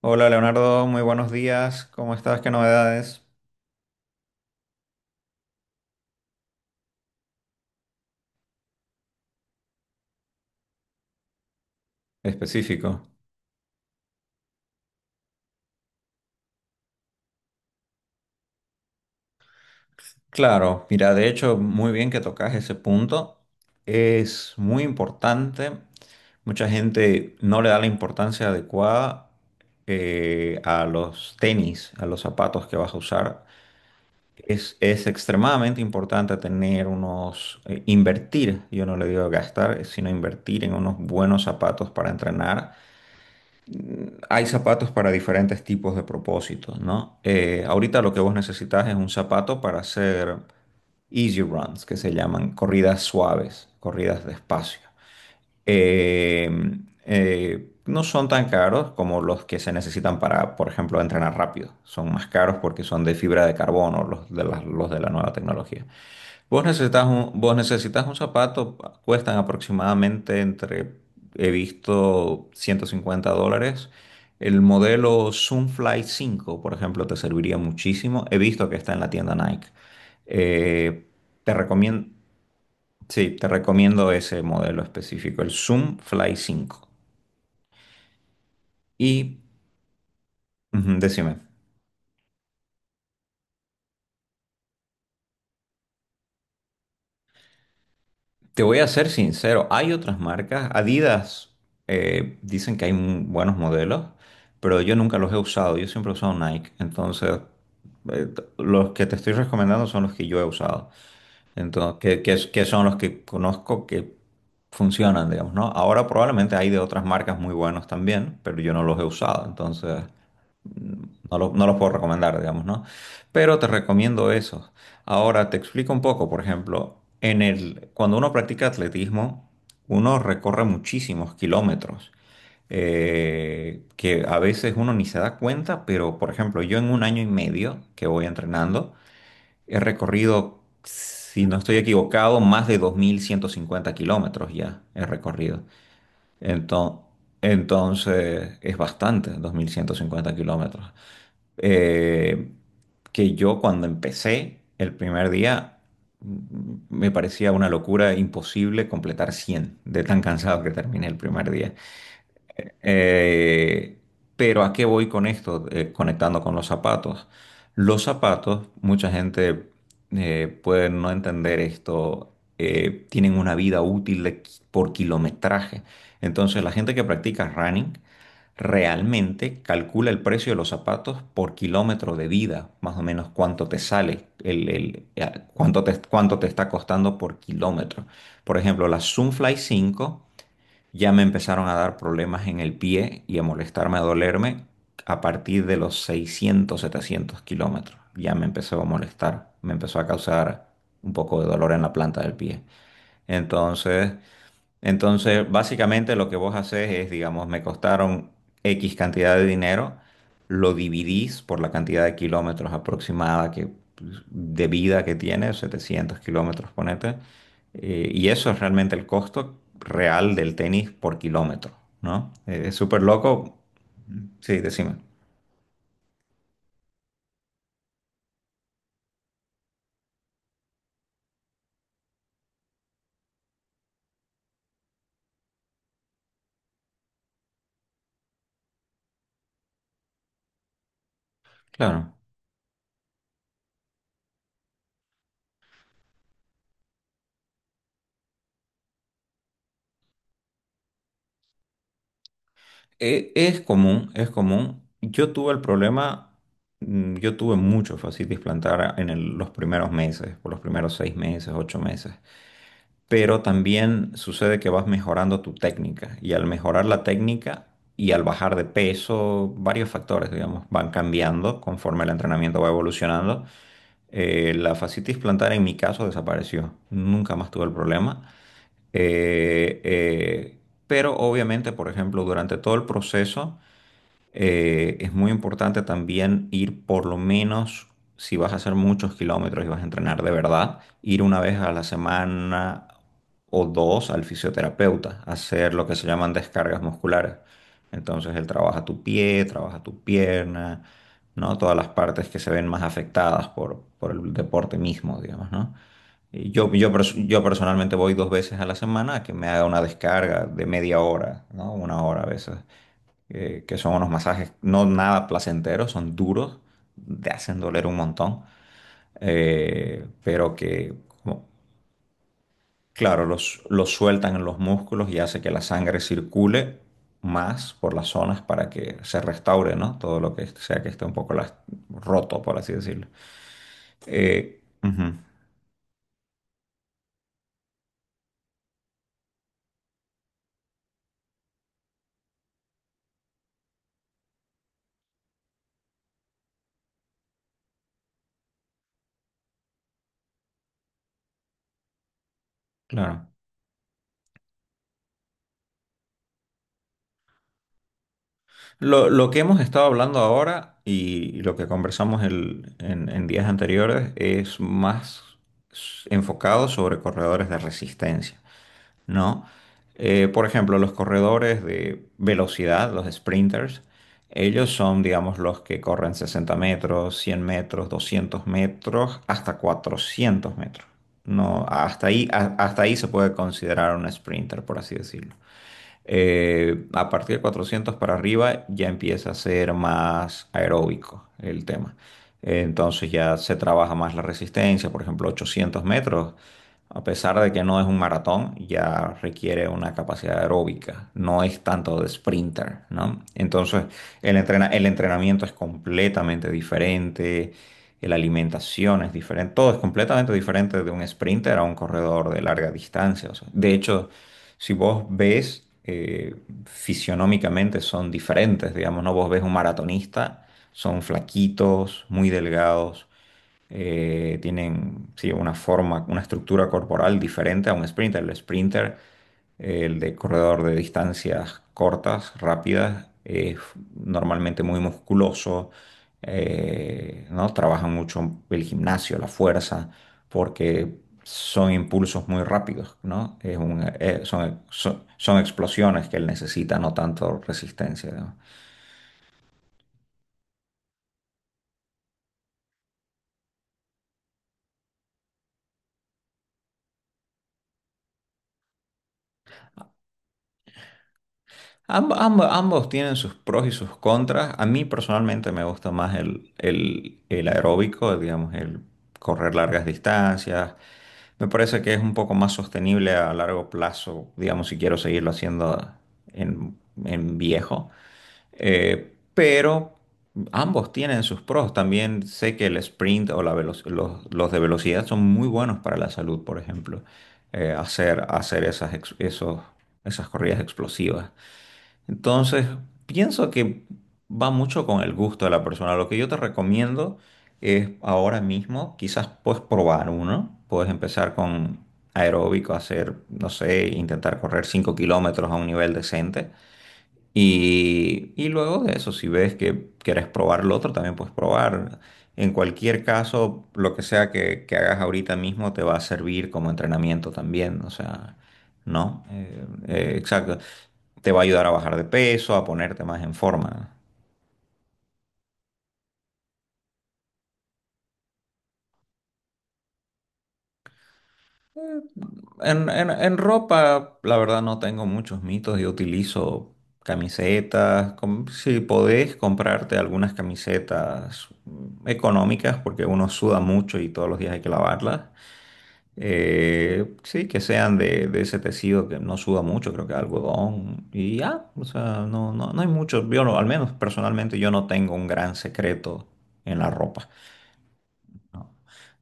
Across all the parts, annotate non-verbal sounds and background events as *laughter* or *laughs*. Hola Leonardo, muy buenos días. ¿Cómo estás? ¿Qué novedades? Específico. Claro, mira, de hecho, muy bien que tocas ese punto. Es muy importante. Mucha gente no le da la importancia adecuada a los tenis, a los zapatos que vas a usar. Es extremadamente importante tener unos, invertir, yo no le digo gastar, sino invertir en unos buenos zapatos para entrenar. Hay zapatos para diferentes tipos de propósitos, ¿no? Ahorita lo que vos necesitas es un zapato para hacer easy runs, que se llaman corridas suaves, corridas despacio. Eh, no son tan caros como los que se necesitan para, por ejemplo, entrenar rápido. Son más caros porque son de fibra de carbono, los de la nueva tecnología. Vos necesitas un zapato, cuestan aproximadamente entre, he visto, $150. El modelo Zoomfly cinco por ejemplo, te serviría muchísimo. He visto que está en la tienda Nike. Eh, Te recomiendo, sí, te recomiendo ese modelo específico, el Zoomfly cinco. Y decime. Te voy a ser sincero, hay otras marcas. Adidas, dicen que hay buenos modelos, pero yo nunca los he usado. Yo siempre he usado Nike. Entonces, los que te estoy recomendando son los que yo he usado. Entonces, que son los que conozco que funcionan, digamos, ¿no? Ahora probablemente hay de otras marcas muy buenos también, pero yo no los he usado. Entonces. No los puedo recomendar, digamos, ¿no? Pero te recomiendo eso. Ahora te explico un poco, por ejemplo, cuando uno practica atletismo, uno recorre muchísimos kilómetros, que a veces uno ni se da cuenta, pero por ejemplo, yo en un año y medio que voy entrenando, he recorrido, si no estoy equivocado, más de 2.150 kilómetros ya he recorrido. Entonces, entonces es bastante, 2.150 kilómetros, eh, que yo cuando empecé el primer día me parecía una locura imposible completar 100 de tan cansado que terminé el primer día. Eh, pero ¿a qué voy con esto? Conectando con los zapatos. Los zapatos, mucha gente puede no entender esto, tienen una vida útil de por kilometraje. Entonces, la gente que practica running realmente calcula el precio de los zapatos por kilómetro de vida, más o menos cuánto te sale, cuánto te está costando por kilómetro. Por ejemplo, las Zoomfly 5 ya me empezaron a dar problemas en el pie y a molestarme, a dolerme a partir de los 600, 700 kilómetros. Ya me empezó a molestar, me empezó a causar un poco de dolor en la planta del pie. Entonces... Entonces, básicamente lo que vos haces es, digamos, me costaron X cantidad de dinero, lo dividís por la cantidad de kilómetros aproximada que, pues, de vida que tiene, 700 kilómetros, ponete, y eso es realmente el costo real del tenis por kilómetro, ¿no? Es súper loco. Sí, decime. Claro. Es común, es común. Yo tuve el problema, yo tuve mucho fascitis plantar en los primeros meses, por los primeros 6 meses, 8 meses. Pero también sucede que vas mejorando tu técnica y al mejorar la técnica y al bajar de peso, varios factores, digamos, van cambiando conforme el entrenamiento va evolucionando. La fascitis plantar en mi caso desapareció. Nunca más tuve el problema. Eh, eh, pero obviamente, por ejemplo, durante todo el proceso es muy importante también ir por lo menos, si vas a hacer muchos kilómetros y vas a entrenar de verdad, ir una vez a la semana o dos al fisioterapeuta, a hacer lo que se llaman descargas musculares. Entonces él trabaja tu pie, trabaja tu pierna, ¿no? Todas las partes que se ven más afectadas por el deporte mismo, digamos, ¿no? Y yo personalmente voy dos veces a la semana a que me haga una descarga de media hora, ¿no? Una hora a veces, que son unos masajes no nada placenteros, son duros, te hacen doler un montón, eh, pero que, como- claro, los sueltan en los músculos y hace que la sangre circule más por las zonas para que se restaure, ¿no? Todo lo que sea que esté un poco roto, por así decirlo. Eh, ujú, claro. Lo que hemos estado hablando ahora y lo que conversamos en días anteriores es más enfocado sobre corredores de resistencia, ¿no? Por ejemplo, los corredores de velocidad, los sprinters, ellos son, digamos, los que corren 60 metros, 100 metros, 200 metros, hasta 400 metros. No, hasta ahí, hasta ahí se puede considerar un sprinter, por así decirlo. A partir de 400 para arriba ya empieza a ser más aeróbico el tema. Entonces ya se trabaja más la resistencia, por ejemplo, 800 metros, a pesar de que no es un maratón, ya requiere una capacidad aeróbica, no es tanto de sprinter, ¿no? Entonces el entrenamiento es completamente diferente. La alimentación es diferente, todo es completamente diferente de un sprinter a un corredor de larga distancia. O sea, de hecho, si vos ves, fisionómicamente son diferentes, digamos, ¿no? Vos ves un maratonista, son flaquitos, muy delgados, tienen, sí, una forma, una estructura corporal diferente a un sprinter. El sprinter, el de corredor de distancias cortas, rápidas, es normalmente muy musculoso, ¿no? Trabajan mucho el gimnasio, la fuerza, porque son impulsos muy rápidos, ¿no? Es un- son, son- son explosiones que él necesita, no tanto resistencia, ¿no? Ambos tienen sus pros y sus contras. A mí personalmente me gusta más el aeróbico, digamos, el correr largas distancias. Me parece que es un poco más sostenible a largo plazo, digamos, si quiero seguirlo haciendo en, en viejo. Pero ambos tienen sus pros. También sé que el sprint o los de velocidad son muy buenos para la salud, por ejemplo. Hacer esas corridas explosivas. Entonces, pienso que va mucho con el gusto de la persona. Lo que yo te recomiendo es ahora mismo, quizás puedes probar uno, puedes empezar con aeróbico, hacer, no sé, intentar correr 5 kilómetros a un nivel decente, y luego de eso, si ves que quieres probar lo otro, también puedes probar. En cualquier caso, lo que sea que hagas ahorita mismo te va a servir como entrenamiento también. O sea, ¿no? Exacto. Te va a ayudar a bajar de peso, a ponerte más en forma. En ropa, la verdad, no tengo muchos mitos. Yo utilizo camisetas. Si podés comprarte algunas camisetas económicas, porque uno suda mucho y todos los días hay que lavarlas. Sí, que sean de ese tejido que no suda mucho, creo que algodón. Y ya, o sea, no, no, no hay mucho. Yo, no- Al menos personalmente, yo no tengo un gran secreto en la ropa. No,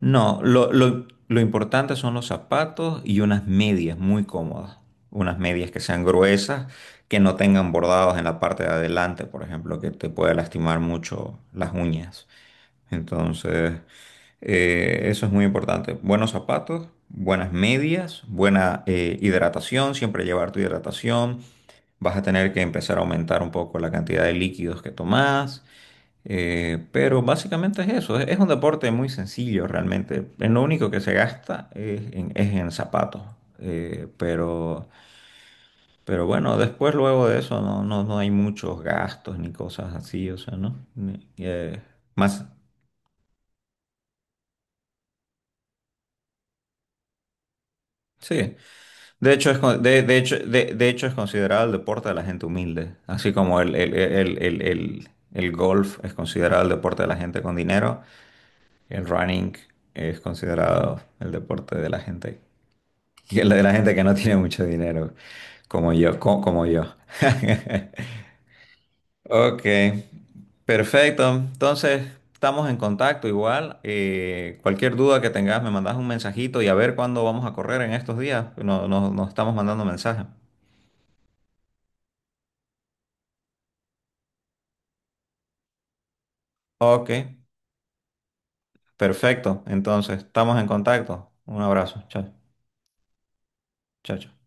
no, lo importante son los zapatos y unas medias muy cómodas. Unas medias que sean gruesas, que no tengan bordados en la parte de adelante, por ejemplo, que te puede lastimar mucho las uñas. Entonces, eso es muy importante. Buenos zapatos, buenas medias, buena hidratación, siempre llevar tu hidratación. Vas a tener que empezar a aumentar un poco la cantidad de líquidos que tomás. Pero básicamente es eso, es un deporte muy sencillo realmente. En lo único que se gasta es en zapatos. eh, pero, pero bueno, después luego de eso no, no, no hay muchos gastos ni cosas así, o sea, ¿no? Más, sí. De hecho, de hecho, de hecho, es considerado el deporte de la gente humilde, así como el golf es considerado el deporte de la gente con dinero, el running es considerado el deporte de la gente, de la gente que no tiene mucho dinero, como yo, como yo. *laughs* Ok, perfecto. Entonces, estamos en contacto igual. Cualquier duda que tengas, me mandas un mensajito y a ver cuándo vamos a correr en estos días. Nos estamos mandando mensajes. Ok. Perfecto, entonces estamos en contacto. Un abrazo, chao, chao, chao.